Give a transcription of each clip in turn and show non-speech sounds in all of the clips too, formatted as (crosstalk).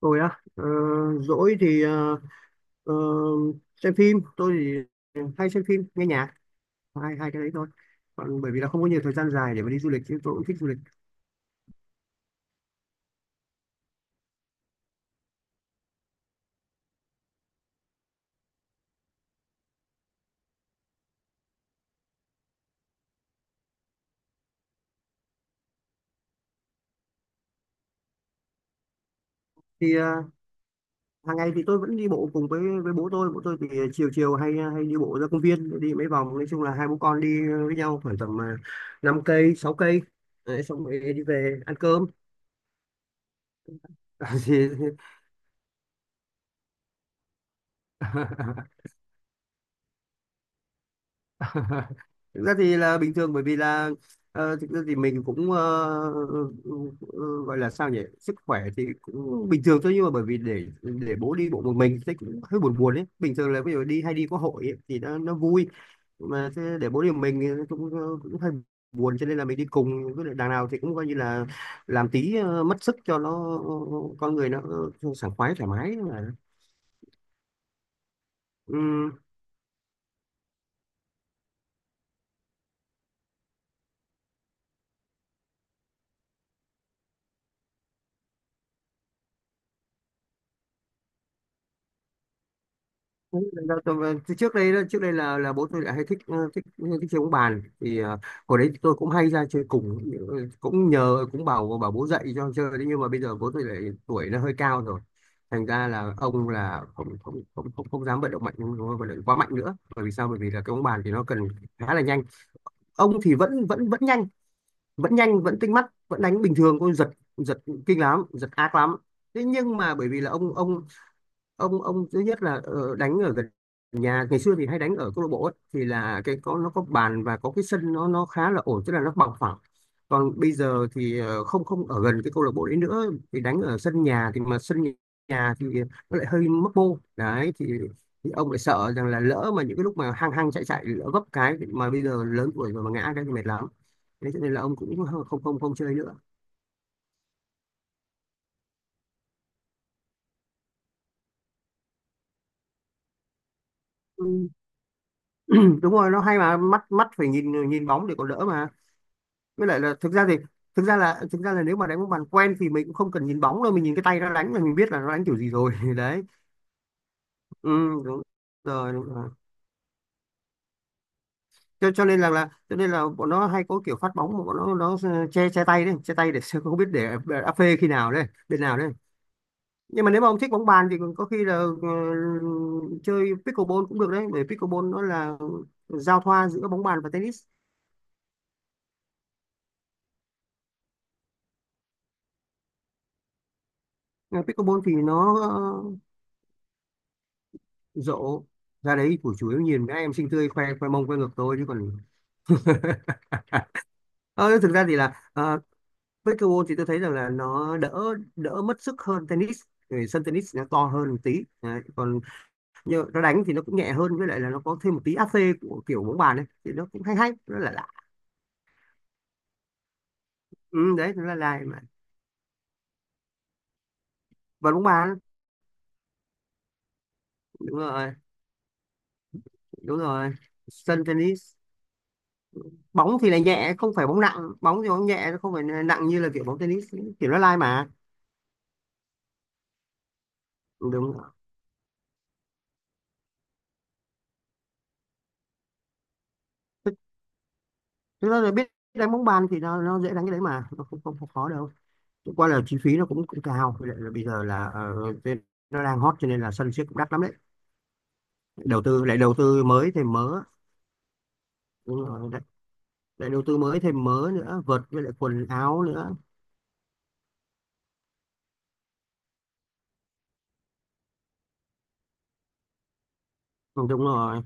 Tôi á, rỗi thì ờ, xem phim tôi thì hay xem phim nghe nhạc. Hai hai cái đấy thôi, còn bởi vì là không có nhiều thời gian dài để mà đi du lịch chứ tôi cũng thích du lịch. Thì hàng ngày thì tôi vẫn đi bộ cùng với bố tôi. Bố tôi thì chiều chiều hay hay đi bộ ra công viên đi mấy vòng, nói chung là hai bố con đi với nhau khoảng tầm 5 cây 6 cây. Đấy, xong rồi đi về ăn cơm. (laughs) Thì (laughs) thực ra thì là bình thường, bởi vì là thực ra thì mình cũng ờ, gọi là sao nhỉ, sức khỏe thì cũng bình thường thôi, nhưng mà bởi vì để bố đi bộ một mình thì cũng hơi buồn buồn ấy. Bình thường là ví dụ đi hay đi có hội ấy, thì nó vui, mà thế để bố đi một mình thì nó cũng cũng hơi buồn, cho nên là mình đi cùng, với lại đằng nào thì cũng coi như là làm tí mất sức cho nó con người nó sảng khoái thoải mái mà. Đấy, từ trước đây đó, trước đây là bố tôi lại hay thích ờ, thích thích chơi bóng bàn, thì hồi đấy tôi cũng hay ra chơi cùng. Ừ, cũng nhờ cũng bảo bảo bố dạy cho chơi đấy, nhưng mà bây giờ bố tôi lại tuổi nó hơi cao rồi, thành ra là ông là không không không không, không dám vận động mạnh, không vận động quá mạnh nữa. Bởi vì sao? Bởi vì là cái bóng bàn thì nó cần khá là nhanh. Ông thì vẫn vẫn vẫn nhanh, vẫn nhanh vẫn tinh mắt vẫn đánh bình thường. Ôi giật, giật kinh lắm, giật ác lắm. Thế nhưng mà bởi vì là ông thứ nhất là đánh ở gần nhà. Ngày xưa thì hay đánh ở câu lạc bộ ấy, thì là cái có nó có bàn và có cái sân, nó khá là ổn, tức là nó bằng phẳng. Còn bây giờ thì không không ở gần cái câu lạc bộ đấy nữa, thì đánh ở sân nhà, thì mà sân nhà thì nó lại hơi mấp mô đấy thì ông lại sợ rằng là lỡ mà những cái lúc mà hăng hăng chạy chạy lỡ vấp cái, mà bây giờ lớn tuổi rồi mà ngã cái thì mệt lắm. Thế cho nên là ông cũng không chơi nữa. Ừ. (clears throat) Đúng rồi, nó hay mà, mắt mắt phải nhìn nhìn bóng để còn đỡ mà, với lại là thực ra thì thực ra là nếu mà đánh bóng bàn quen thì mình cũng không cần nhìn bóng đâu, mình nhìn cái tay nó đánh là mình biết là nó đánh kiểu gì rồi. (laughs) Đấy, ừ, đúng rồi đúng rồi. Cho, cho nên là, là cho nên là bọn nó hay có kiểu phát bóng mà bọn nó che che tay đấy, che tay để (laughs) không biết để áp phê khi nào đấy, bên nào đấy. Nhưng mà nếu mà ông thích bóng bàn thì có khi là ờ, chơi pickleball cũng được đấy, bởi pickleball nó là giao thoa giữa bóng bàn và tennis. Ờ, pickleball thì nó rộ ra đấy, của chủ yếu nhìn mấy em xinh tươi khoe khoe mông khoe ngực thôi chứ còn (laughs) à, ờ, thực ra thì là pickleball thì tôi thấy rằng là nó đỡ đỡ mất sức hơn tennis. Vì sân tennis nó to hơn một tí. Đấy, còn như nó đánh thì nó cũng nhẹ hơn, với lại là nó có thêm một tí AC của kiểu bóng bàn ấy thì nó cũng hay hay, nó là lạ. Ừ, đấy nó là lạ mà, và bóng bàn đúng rồi đúng rồi sân tennis, bóng thì là nhẹ không phải bóng nặng, bóng thì bóng nhẹ, nó không phải nặng như là kiểu bóng tennis, kiểu nó lai mà. Ừ, đúng rồi. Thực thực ra là biết đánh bóng bàn thì nó dễ đánh cái đấy mà nó không không, không khó đâu. Chẳng qua là chi phí nó cũng cũng cao. Với lại là bây giờ là cái- nó đang hot cho nên là sân siếc cũng đắt lắm đấy, đầu tư lại đầu tư mới thêm mớ. Đúng rồi đấy, lại đầu tư mới thêm mớ nữa, vợt với lại quần áo nữa. Ừ, đúng rồi.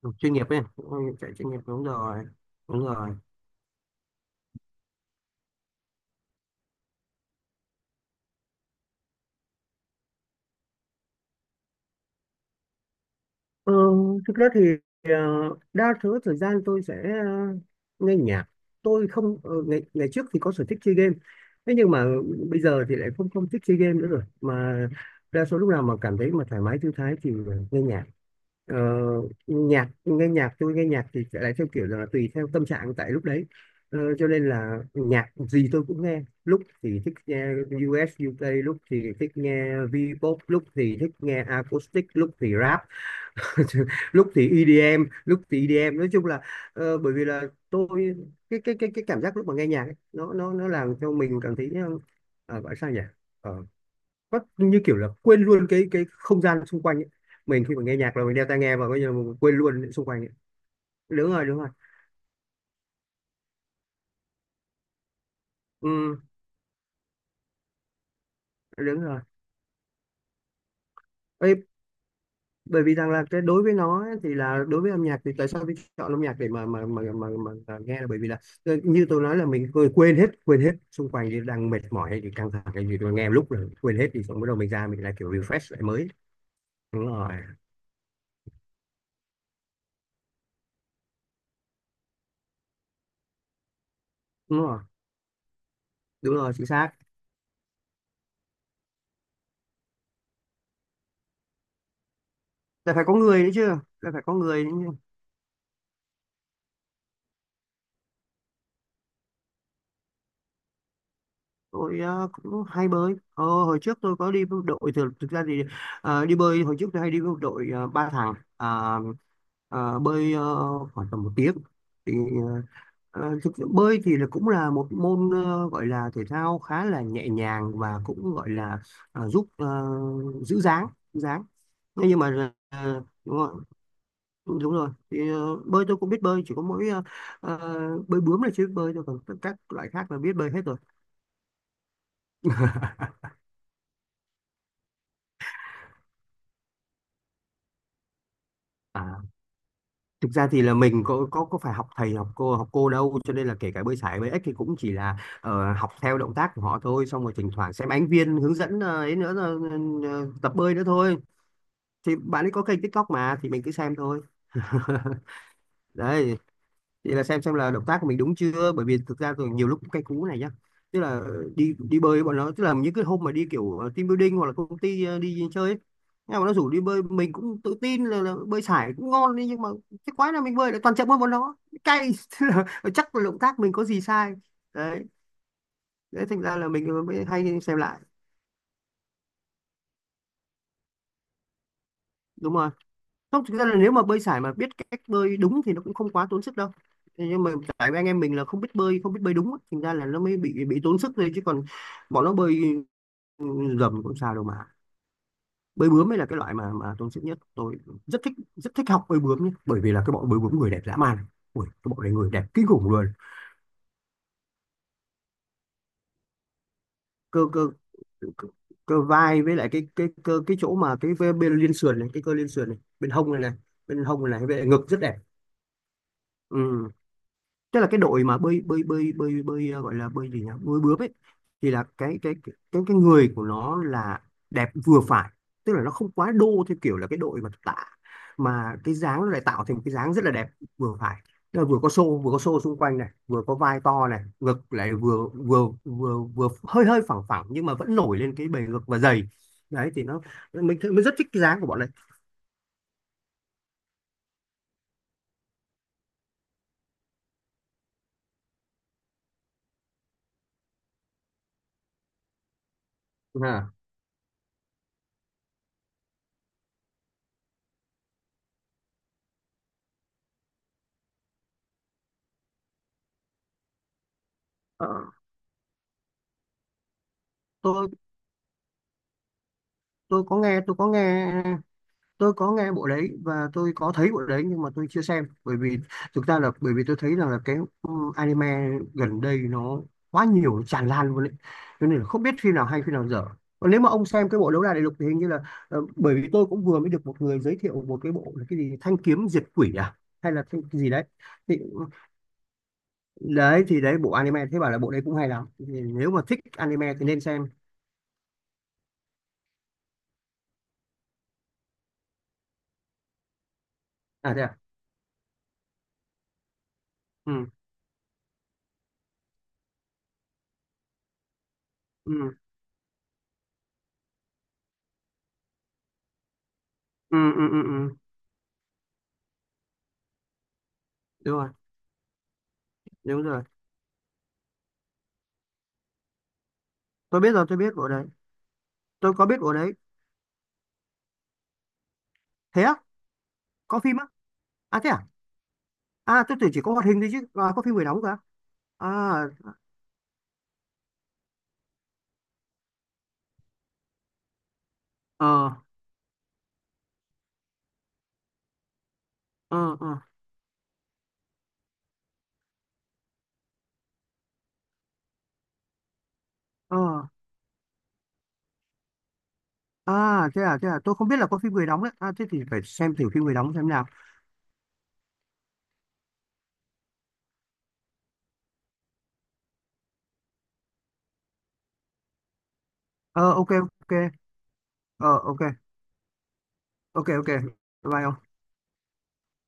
Ừ, chuyên nghiệp ấy, ừ, chạy chuyên nghiệp đúng rồi đúng rồi. Ờ, thực ra thì ờ, đa số thời gian tôi sẽ ờ, nghe nhạc. Tôi không ngày ngày trước thì có sở thích chơi game. Thế nhưng mà bây giờ thì lại không không thích chơi game nữa rồi. Mà đa số lúc nào mà cảm thấy mà thoải mái thư thái thì nghe nhạc. Ờ, nhạc nghe nhạc tôi nghe nhạc thì sẽ lại theo kiểu là tùy theo tâm trạng tại lúc đấy. Ờ, cho nên là nhạc gì tôi cũng nghe. Lúc thì thích nghe US UK, lúc thì thích nghe V-pop, lúc thì thích nghe acoustic, lúc thì rap, (laughs) lúc thì EDM, nói chung là bởi vì là tôi, cái cảm giác lúc mà nghe nhạc ấy, nó làm cho mình cảm thấy gọi sao nhỉ, ờ, có như kiểu là quên luôn cái không gian xung quanh ấy. Mình khi mà nghe nhạc là mình đeo tai nghe và coi như là mình quên luôn xung quanh ấy. Đúng rồi đúng rồi, ừ, đúng rồi. Ê, bởi vì rằng là cái đối với nó ấy, thì là đối với âm nhạc thì tại sao mình chọn âm nhạc để mà nghe, là bởi vì là như tôi nói là mình quên quên hết xung quanh, thì đang mệt mỏi hay thì căng thẳng cái gì tôi nghe một lúc là quên hết, thì xong bắt đầu mình ra mình lại kiểu refresh lại mới. Đúng rồi đúng rồi đúng rồi chính xác. Là phải có người nữa chứ, là phải có người. Tôi cũng hay bơi, hồi trước tôi có đi với đội thực ra thì đi bơi hồi trước tôi hay đi với đội ba thằng. À, bơi khoảng tầm một tiếng, thì ờ, thực sự bơi thì là cũng là một môn gọi là thể thao khá là nhẹ nhàng và cũng gọi là giúp giữ dáng, giữ dáng. Thế nhưng mà đúng rồi đúng rồi, thì bơi tôi cũng biết bơi, chỉ có mỗi ờ, bơi bướm là chưa biết bơi thôi, còn các loại khác là biết bơi hết rồi. À, thực ra thì là mình có phải học thầy, học cô, đâu, cho nên là kể cả bơi sải bơi ếch thì cũng chỉ là học theo động tác của họ thôi, xong rồi thỉnh thoảng xem ánh viên hướng dẫn ấy nữa, tập bơi nữa thôi, thì bạn ấy có kênh TikTok mà thì mình cứ xem thôi. (laughs) Đấy, thì là xem là động tác của mình đúng chưa, bởi vì thực ra rồi nhiều lúc cũng cay cú này nhá. Tức là đi đi bơi với bọn nó, tức là những cái hôm mà đi kiểu team building hoặc là công ty đi chơi ấy, nhưng mà bọn nó rủ đi bơi mình cũng tự tin là, bơi sải cũng ngon đi, nhưng mà cái quái là mình bơi lại toàn chậm hơn bọn nó, cay. (laughs) Tức là chắc là động tác mình có gì sai. Đấy, đấy thành ra là mình mới hay xem lại. Đúng rồi. Không, thực ra là nếu mà bơi sải mà biết cách bơi đúng thì nó cũng không quá tốn sức đâu. Thế nhưng mà tại vì anh em mình là không biết bơi, không biết bơi đúng á, thành ra là nó mới bị tốn sức thôi, chứ còn bọn nó bơi dầm cũng sao đâu mà. Bơi bướm mới là cái loại mà tốn sức nhất. Tôi rất thích, rất thích học bơi bướm nhé, bởi vì là cái bọn bơi bướm người đẹp dã man. Ui, cái bọn này người đẹp kinh khủng luôn. Cơ cơ cơ, cơ vai, với lại cái cơ cái chỗ mà cái bên liên sườn này, cái cơ liên sườn này, bên hông này này, bên hông này này, với lại ngực rất đẹp. Ừ. Tức là cái đội mà bơi bơi bơi bơi bơi gọi là bơi gì nhỉ, bơi bướm ấy, thì là cái người của nó là đẹp vừa phải, tức là nó không quá đô theo kiểu là cái đội mà tạ, mà cái dáng nó lại tạo thành một cái dáng rất là đẹp vừa phải. Tức là vừa có xô, vừa có xô xung quanh này, vừa có vai to này, ngực lại vừa vừa vừa vừa hơi hơi phẳng phẳng, nhưng mà vẫn nổi lên cái bề ngực và dày. Đấy thì nó mình rất thích cái dáng của bọn này. À, ờ, tôi tôi có nghe, tôi có nghe bộ đấy và tôi có thấy bộ đấy, nhưng mà tôi chưa xem. Bởi vì thực ra là bởi vì tôi thấy rằng là cái, ừ, anime gần đây nó quá nhiều, nó tràn lan luôn đấy, cho nên là không biết phim nào hay phim nào dở. Còn nếu mà ông xem cái bộ đấu đá đại lục thì hình như là bởi vì tôi cũng vừa mới được một người giới thiệu một cái bộ là cái gì thanh kiếm diệt quỷ à, hay là cái gì đấy thì đấy bộ anime, thế bảo là bộ đấy cũng hay lắm, thì nếu mà thích anime thì nên xem. À thế à, ừ ừ ừ ừ ừ, ừ. Đúng rồi đúng rồi, tôi biết rồi, tôi biết bộ đấy, tôi có biết bộ đấy. Thế á? Có phim á? À thế à? À tôi tưởng chỉ có hoạt hình thôi chứ. À, có phim người đóng cả à? Ờ ờ ờ ờ. À thế à, thế à, tôi không biết là có phim người đóng đấy, à thế thì phải xem thử phim người đóng xem nào. Ờ, ok, ok, ờ, ok, ok, ok, bye. Bye ông.